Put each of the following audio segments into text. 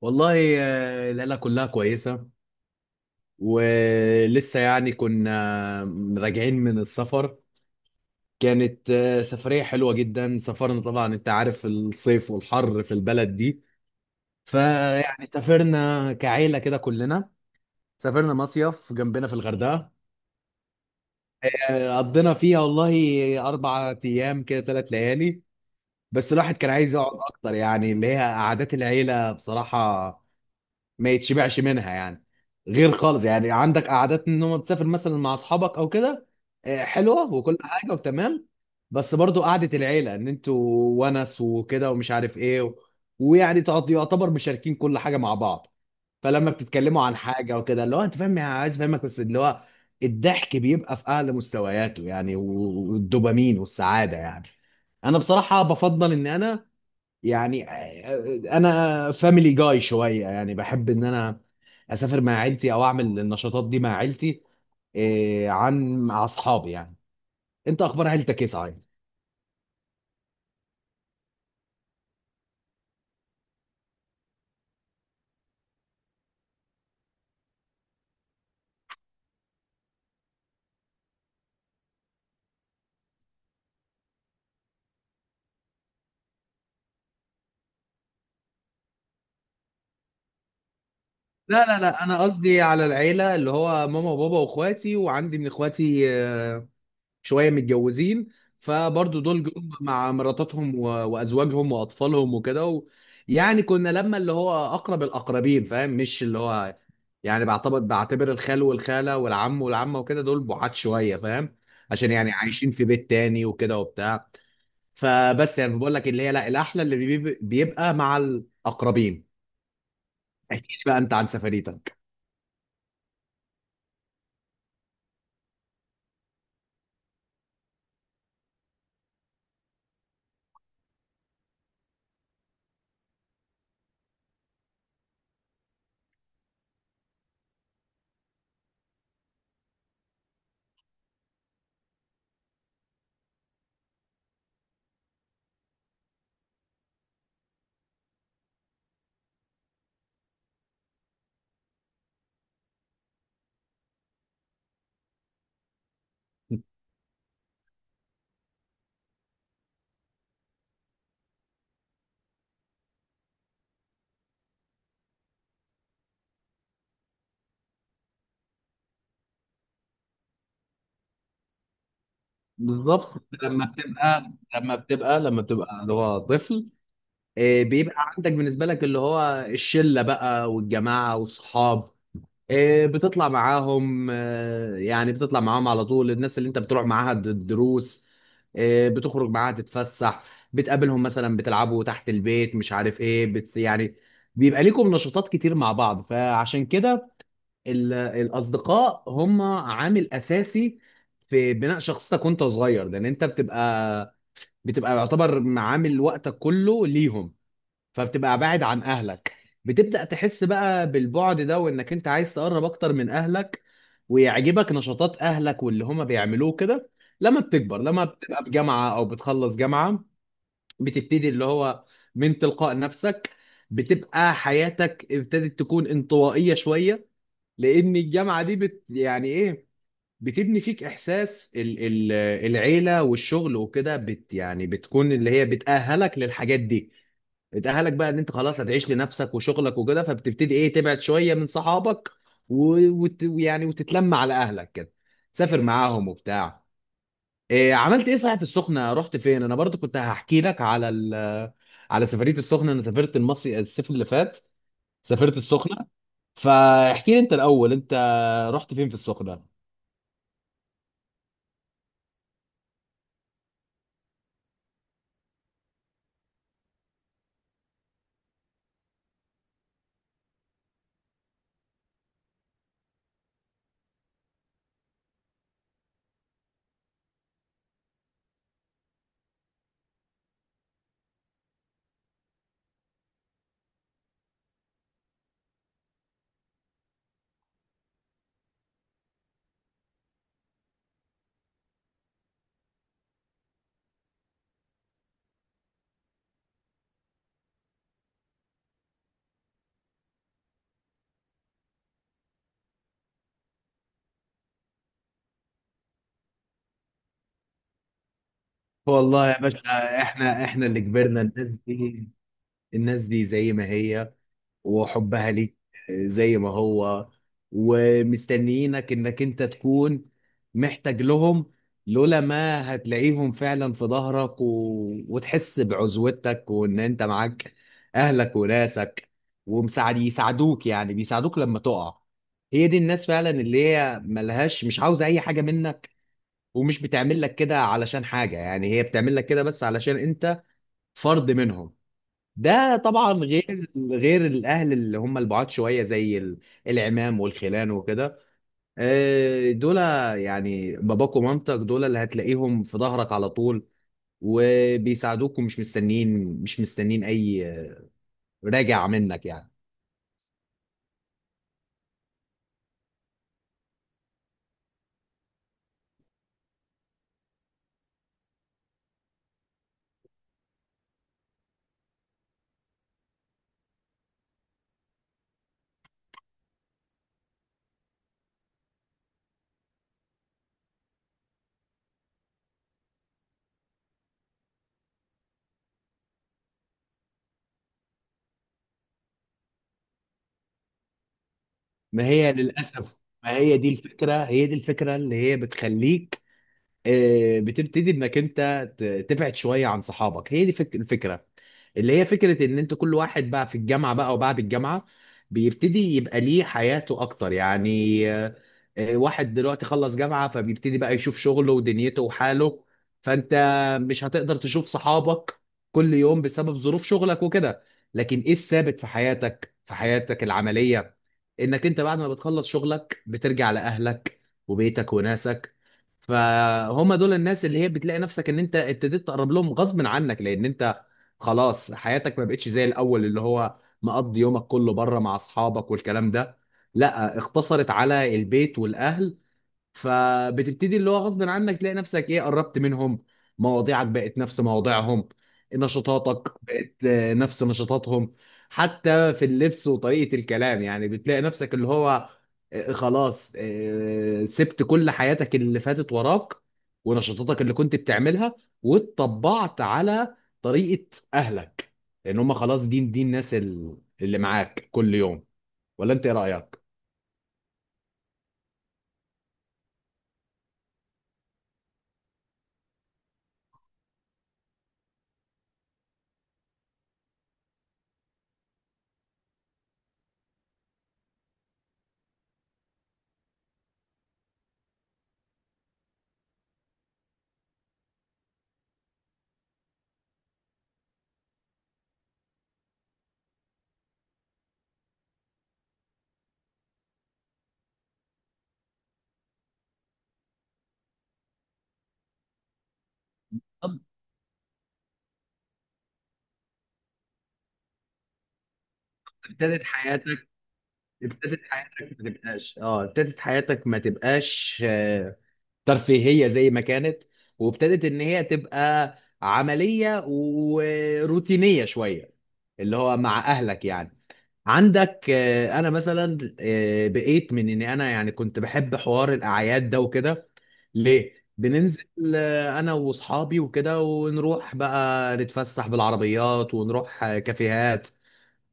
والله. العيلة كلها كويسة. ولسه يعني كنا راجعين من السفر. كانت سفرية حلوة جدا. سافرنا طبعا، انت عارف الصيف والحر في البلد دي، فيعني سافرنا كعيلة كده كلنا. سافرنا مصيف جنبنا في الغردقة. قضينا فيها والله أربع أيام كده، ثلاث ليالي. بس الواحد كان عايز يقعد أكتر، يعني اللي هي قعدات العيلة بصراحة ما يتشبعش منها يعني. غير خالص يعني عندك قعدات ان هم تسافر مثلا مع اصحابك او كده، حلوه وكل حاجه وتمام. بس برضو قعده العيله ان انتوا ونس وكده ومش عارف ايه ويعني يعتبر مشاركين كل حاجه مع بعض. فلما بتتكلموا عن حاجه وكده، اللي هو انت فاهم يعني، عايز افهمك، بس اللي هو الضحك بيبقى في اعلى مستوياته يعني. والدوبامين والسعاده يعني. انا بصراحه بفضل ان انا يعني، انا فاميلي جاي شويه، يعني بحب ان انا اسافر مع عيلتي او اعمل النشاطات دي مع عيلتي عن مع اصحابي يعني. انت اخبار عيلتك ايه صحيح؟ لا لا لا، انا قصدي على العيله اللي هو ماما وبابا واخواتي، وعندي من اخواتي شويه متجوزين، فبرضو دول جم مع مراتاتهم وازواجهم واطفالهم وكده يعني كنا لما اللي هو اقرب الاقربين فاهم، مش اللي هو يعني بعتبر الخال والخاله والعم والعمه وكده، دول بعاد شويه فاهم، عشان يعني عايشين في بيت تاني وكده وبتاع. فبس يعني بقول لك اللي هي، لا، الاحلى اللي بيبقى مع الاقربين. احكي لي بقى انت عن سفريتك. بالظبط، لما بتبقى اللي هو طفل، بيبقى عندك بالنسبة لك اللي هو الشلة بقى والجماعة والصحاب. بتطلع معاهم، يعني بتطلع معاهم على طول. الناس اللي انت بتروح معاها الدروس، بتخرج معاها تتفسح، بتقابلهم مثلا بتلعبوا تحت البيت، مش عارف ايه، بت يعني بيبقى ليكم نشاطات كتير مع بعض. فعشان كده الأصدقاء هم عامل أساسي في بناء شخصيتك وانت صغير، لأن انت بتبقى، بتبقى يعتبر عامل وقتك كله ليهم، فبتبقى بعد عن اهلك. بتبدأ تحس بقى بالبعد ده، وانك انت عايز تقرب اكتر من اهلك، ويعجبك نشاطات اهلك واللي هما بيعملوه كده لما بتكبر، لما بتبقى في جامعة او بتخلص جامعة. بتبتدي اللي هو من تلقاء نفسك بتبقى حياتك ابتدت تكون انطوائية شوية، لان الجامعة دي بت يعني ايه، بتبني فيك احساس ال العيلة والشغل وكده. بت يعني بتكون اللي هي بتأهلك للحاجات دي، اتأهلك بقى ان انت خلاص هتعيش لنفسك وشغلك وكده. فبتبتدي ايه، تبعد شوية من صحابك، ويعني وتتلم على اهلك كده، تسافر معاهم وبتاع. إيه، عملت ايه صحيح في السخنة، رحت فين؟ انا برضو كنت هحكي لك على ال، على سفرية السخنة. انا سافرت المصري الصيف اللي فات، سافرت السخنة. فاحكي لي انت الاول، انت رحت فين في السخنة؟ والله يا باشا، احنا اللي كبرنا. الناس دي، الناس دي زي ما هي، وحبها ليك زي ما هو، ومستنيينك انك انت تكون محتاج لهم. لولا ما هتلاقيهم فعلا في ظهرك وتحس بعزوتك، وان انت معاك اهلك وناسك، ومساعد يساعدوك، يعني بيساعدوك لما تقع. هي دي الناس فعلا اللي هي ملهاش، مش عاوزة اي حاجة منك، ومش بتعمل لك كده علشان حاجة، يعني هي بتعمل لك كده بس علشان انت فرد منهم. ده طبعا غير، الاهل اللي هم البعاد شويه زي العمام والخلان وكده. دول يعني باباك ومامتك، دول اللي هتلاقيهم في ظهرك على طول، وبيساعدوك، ومش مستنين، مش مستنين اي راجع منك يعني. ما هي للاسف، ما هي دي الفكره اللي هي بتخليك، بتبتدي انك انت ت- تبعد شويه عن صحابك. هي دي الفكره، اللي هي فكره ان انت كل واحد بقى في الجامعه بقى وبعد الجامعه بيبتدي يبقى ليه حياته اكتر يعني. واحد دلوقتي خلص جامعه، فبيبتدي بقى يشوف شغله ودنيته وحاله. فانت مش هتقدر تشوف صحابك كل يوم بسبب ظروف شغلك وكده. لكن ايه الثابت في حياتك، في حياتك العمليه؟ انك انت بعد ما بتخلص شغلك بترجع لاهلك وبيتك وناسك. فهم دول الناس اللي هي بتلاقي نفسك ان انت ابتديت تقرب لهم غصب عنك، لان انت خلاص حياتك ما بقتش زي الاول اللي هو مقضي يومك كله بره مع اصحابك والكلام ده، لا، اختصرت على البيت والاهل. فبتبتدي اللي هو غصب عنك تلاقي نفسك ايه، قربت منهم. مواضيعك بقت نفس مواضيعهم، نشاطاتك بقت نفس نشاطاتهم. حتى في اللبس وطريقة الكلام، يعني بتلاقي نفسك اللي هو خلاص، سبت كل حياتك اللي فاتت وراك، ونشاطاتك اللي كنت بتعملها، واتطبعت على طريقة أهلك، لأن هم خلاص، دي الناس اللي معاك كل يوم. ولا أنت إيه رأيك؟ طب، ابتدت حياتك ابتدت حياتك ما تبقاش اه ابتدت حياتك ما تبقاش ترفيهية زي ما كانت، وابتدت ان هي تبقى عملية وروتينية شوية، اللي هو مع اهلك يعني. عندك انا مثلا، بقيت من ان انا يعني كنت بحب حوار الاعياد ده وكده، ليه بننزل انا واصحابي وكده، ونروح بقى نتفسح بالعربيات، ونروح كافيهات،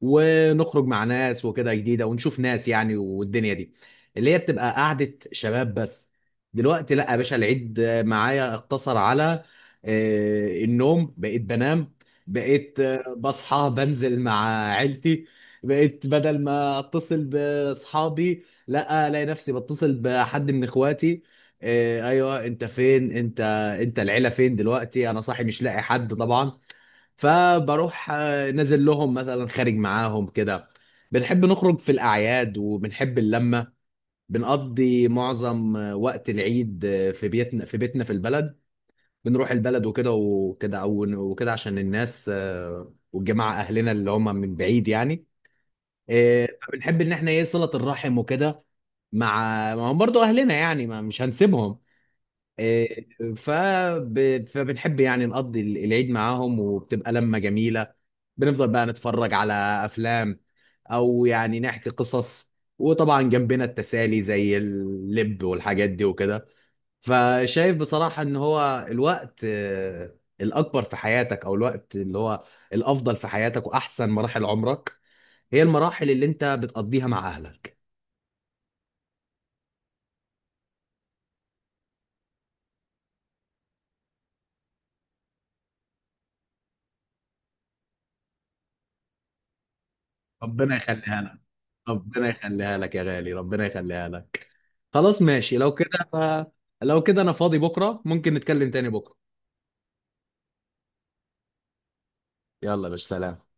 ونخرج مع ناس وكده جديده، ونشوف ناس يعني. والدنيا دي اللي هي بتبقى قعده شباب بس. دلوقتي لا يا باشا، العيد معايا اقتصر على النوم، بقيت بنام، بقيت بصحى بنزل مع عيلتي. بقيت بدل ما اتصل باصحابي، لا، الاقي نفسي بتصل بحد من اخواتي. ايوه انت فين، انت، انت العيله فين دلوقتي، انا صاحي مش لاقي حد طبعا. فبروح نازل لهم مثلا، خارج معاهم كده. بنحب نخرج في الأعياد، وبنحب اللمة. بنقضي معظم وقت العيد في بيتنا، في البلد. بنروح البلد وكده وكده، أو وكده، عشان الناس، والجماعة أهلنا اللي هم من بعيد يعني. فبنحب إن إحنا إيه، صلة الرحم وكده مع، ما هم برضه أهلنا يعني، ما مش هنسيبهم. إيه، فب... فبنحب يعني نقضي العيد معاهم، وبتبقى لمة جميلة. بنفضل بقى نتفرج على أفلام، أو يعني نحكي قصص، وطبعا جنبنا التسالي زي اللب والحاجات دي وكده. فشايف بصراحة إن هو الوقت الأكبر في حياتك، أو الوقت اللي هو الأفضل في حياتك وأحسن مراحل عمرك، هي المراحل اللي أنت بتقضيها مع أهلك. ربنا يخليها لك، ربنا يخليها لك يا غالي، ربنا يخليها لك. خلاص ماشي لو كده. لو كده انا فاضي بكره، ممكن نتكلم تاني بكره. يلا يا باشا، سلام.